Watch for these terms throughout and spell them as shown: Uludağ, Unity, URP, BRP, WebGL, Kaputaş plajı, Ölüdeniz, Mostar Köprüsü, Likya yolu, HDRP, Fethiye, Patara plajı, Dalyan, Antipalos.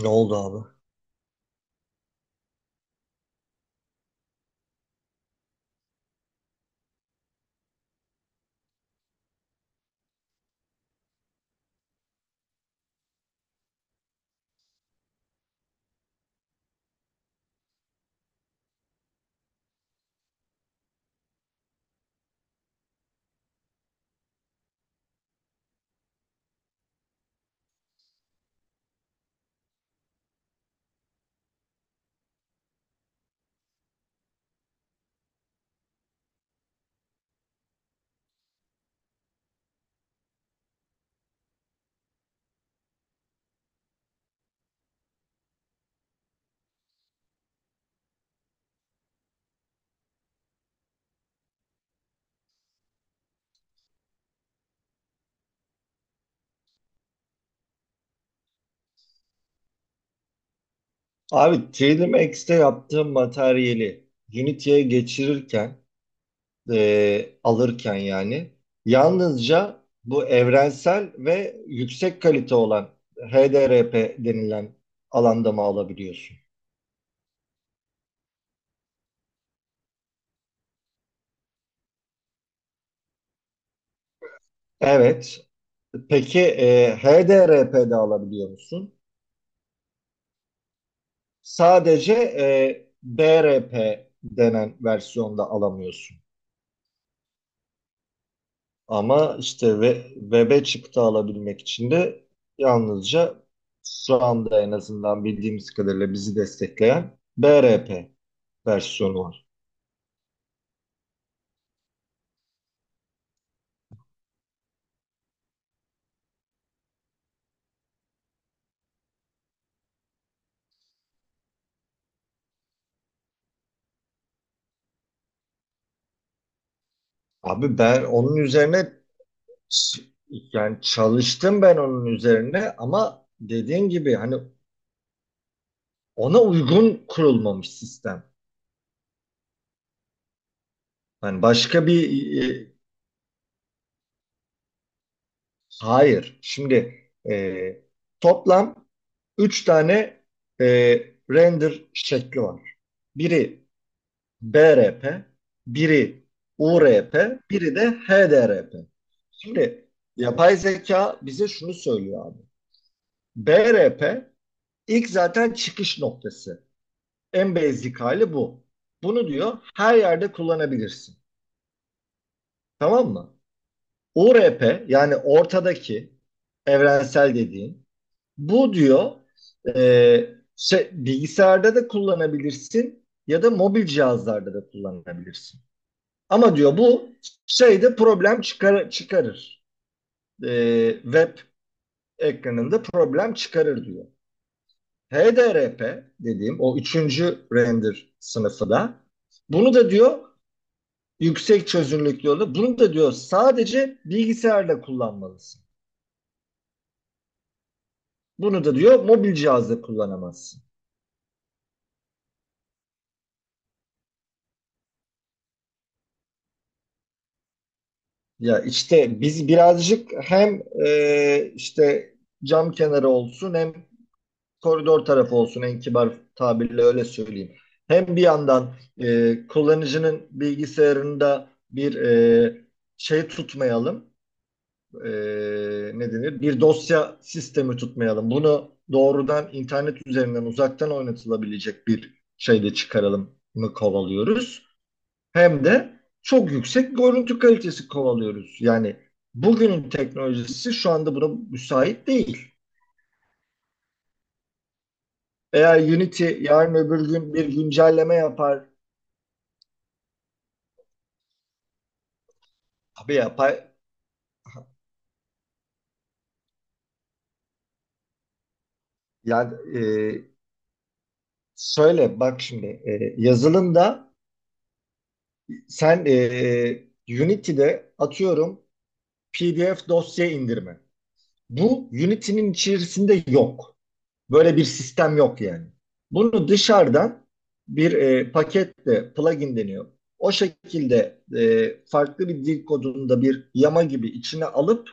Ne oldu abi? Abi TLMX'te yaptığım materyali Unity'ye geçirirken, alırken yani yalnızca bu evrensel ve yüksek kalite olan HDRP denilen alanda mı alabiliyorsun? Evet. Peki HDRP'de alabiliyor musun? Sadece BRP denen versiyonda alamıyorsun. Ama işte ve, web'e çıktı alabilmek için de yalnızca şu anda en azından bildiğimiz kadarıyla bizi destekleyen BRP versiyonu var. Abi ben onun üzerine ç- yani çalıştım ben onun üzerine, ama dediğin gibi hani ona uygun kurulmamış sistem. Hani başka bir hayır. Şimdi e, toplam 3 tane e, render şekli var. Biri B R P, biri U R P, biri de H D R P. Şimdi yapay zeka bize şunu söylüyor abi. B R P ilk zaten çıkış noktası. En basic hali bu. Bunu diyor her yerde kullanabilirsin. Tamam mı? U R P yani ortadaki evrensel dediğin bu, diyor şey, bilgisayarda da kullanabilirsin ya da mobil cihazlarda da kullanabilirsin. Ama diyor bu şeyde problem çıkar çıkarır. Web ekranında problem çıkarır diyor. HDRP dediğim o üçüncü render sınıfı da, bunu da diyor yüksek çözünürlüklü olur. Bunu da diyor sadece bilgisayarda kullanmalısın. Bunu da diyor mobil cihazda kullanamazsın. Ya işte biz birazcık hem işte cam kenarı olsun hem koridor tarafı olsun, en kibar tabirle öyle söyleyeyim. Hem bir yandan kullanıcının bilgisayarında şey tutmayalım, e, ne denir? Bir dosya sistemi tutmayalım. Bunu doğrudan internet üzerinden uzaktan oynatılabilecek bir şeyde çıkaralım mı kovalıyoruz. Hem de çok yüksek görüntü kalitesi kovalıyoruz. Yani bugünün teknolojisi şu anda buna müsait değil. Veya Unity yarın öbür gün bir güncelleme yapar. Tabii yapar. Yani e, söyle bak şimdi, yazılımda sen e, Unity'de atıyorum PDF dosya indirme. Bu Unity'nin içerisinde yok. Böyle bir sistem yok yani. Bunu dışarıdan bir paketle plugin deniyor. O şekilde farklı bir dil kodunda bir yama gibi içine alıp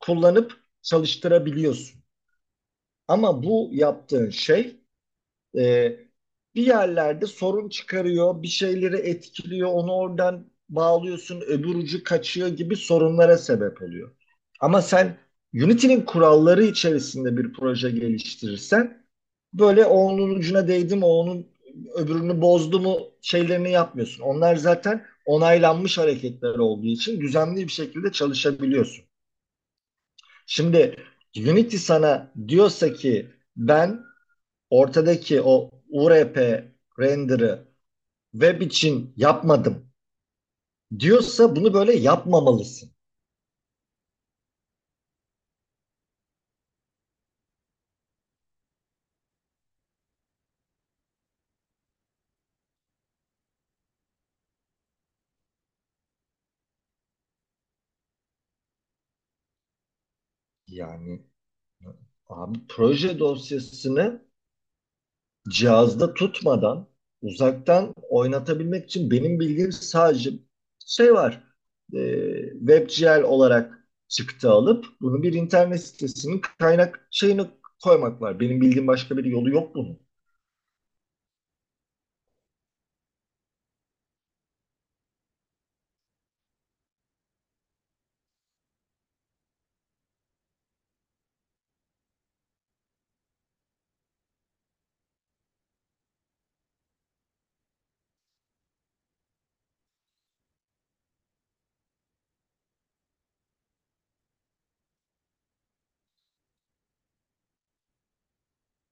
kullanıp çalıştırabiliyorsun. Ama bu yaptığın şey e, bir yerlerde sorun çıkarıyor, bir şeyleri etkiliyor, onu oradan bağlıyorsun, öbür ucu kaçıyor gibi sorunlara sebep oluyor. Ama sen Unity'nin kuralları içerisinde bir proje geliştirirsen, böyle o onun ucuna değdi mi, o onun öbürünü bozdu mu şeylerini yapmıyorsun. Onlar zaten onaylanmış hareketler olduğu için düzenli bir şekilde çalışabiliyorsun. Şimdi Unity sana diyorsa ki ben ortadaki o URP render'ı web için yapmadım, diyorsa bunu böyle yapmamalısın. Yani abi proje dosyasını cihazda tutmadan uzaktan oynatabilmek için benim bildiğim sadece şey var. E, WebGL olarak çıktı alıp bunu bir internet sitesinin kaynak şeyini koymak var. Benim bildiğim başka bir yolu yok bunun.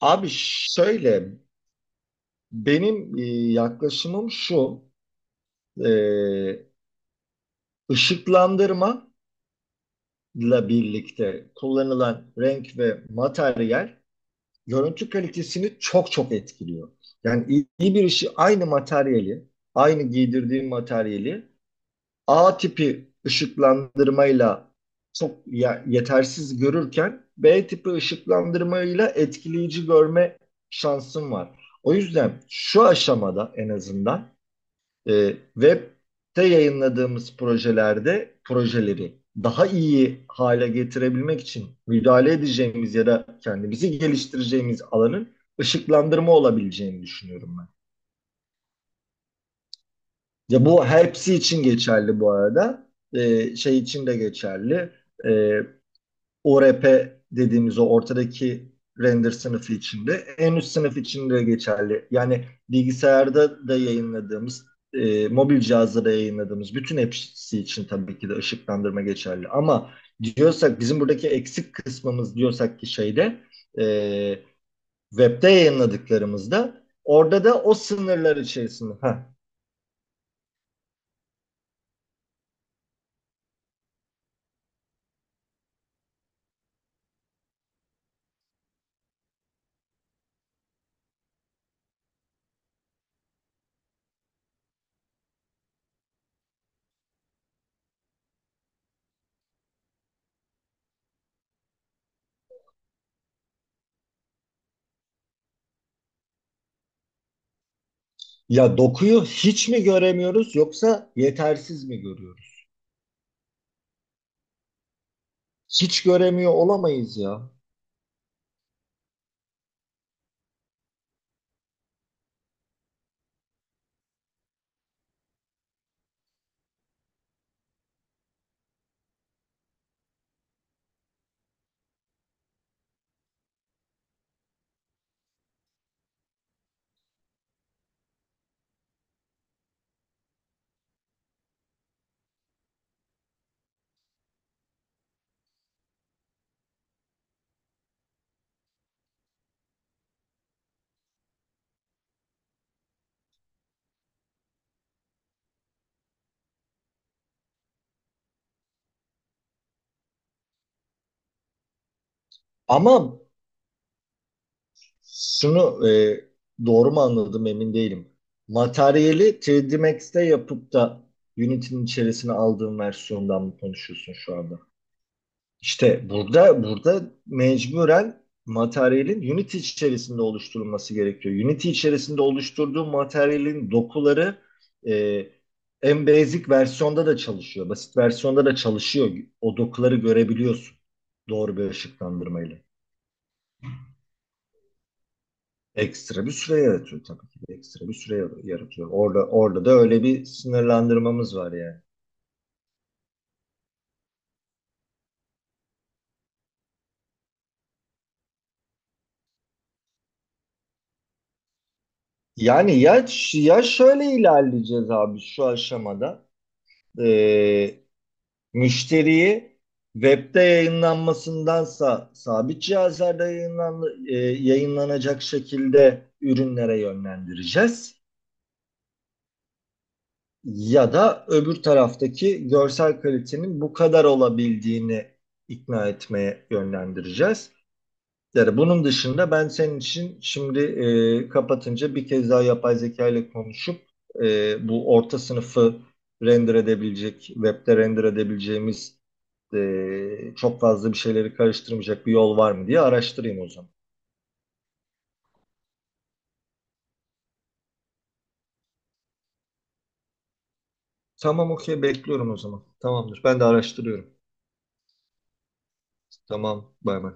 Abi şöyle, benim yaklaşımım şu. e, ışıklandırma ile birlikte kullanılan renk ve materyal görüntü kalitesini çok çok etkiliyor. Yani iyi bir işi, aynı materyali, aynı giydirdiğim materyali A tipi ışıklandırmayla çok yetersiz görürken B tipi ışıklandırmayla etkileyici görme şansım var. O yüzden şu aşamada en azından web'te yayınladığımız projelerde projeleri daha iyi hale getirebilmek için müdahale edeceğimiz ya da kendimizi geliştireceğimiz alanın ışıklandırma olabileceğini düşünüyorum ben. Ya bu hepsi için geçerli bu arada. Şey için de geçerli. E, ORP dediğimiz o ortadaki render sınıfı içinde, en üst sınıf içinde geçerli. Yani bilgisayarda da yayınladığımız, mobil cihazda da yayınladığımız bütün hepsi için tabii ki de ışıklandırma geçerli. Ama diyorsak bizim buradaki eksik kısmımız, diyorsak ki şeyde, e, webde yayınladıklarımızda orada da o sınırlar içerisinde. Ha, ya dokuyu hiç mi göremiyoruz yoksa yetersiz mi görüyoruz? Hiç göremiyor olamayız ya. Ama şunu doğru mu anladım emin değilim. Materyali 3D Max'te yapıp da Unity'nin içerisine aldığım versiyondan mı konuşuyorsun şu anda? İşte burada mecburen materyalin Unity içerisinde oluşturulması gerekiyor. Unity içerisinde oluşturduğu materyalin dokuları e, en basic versiyonda da çalışıyor. Basit versiyonda da çalışıyor. O dokuları görebiliyorsun doğru bir ışıklandırmayla. Ekstra bir süre yaratıyor tabii ki. Ekstra bir süre yaratıyor. Orada da öyle bir sınırlandırmamız var yani. Ya şöyle ilerleyeceğiz abi şu aşamada. Ee, Müşteriyi webde yayınlanmasındansa sabit cihazlarda yayınlanacak şekilde ürünlere yönlendireceğiz. Ya da öbür taraftaki görsel kalitenin bu kadar olabildiğini ikna etmeye yönlendireceğiz. Yani bunun dışında ben senin için şimdi kapatınca bir kez daha yapay zeka ile konuşup bu orta sınıfı render edebilecek, webde render edebileceğimiz çok fazla bir şeyleri karıştırmayacak bir yol var mı diye araştırayım o zaman. Tamam okey, bekliyorum o zaman. Tamamdır, ben de araştırıyorum. Tamam, bay bay.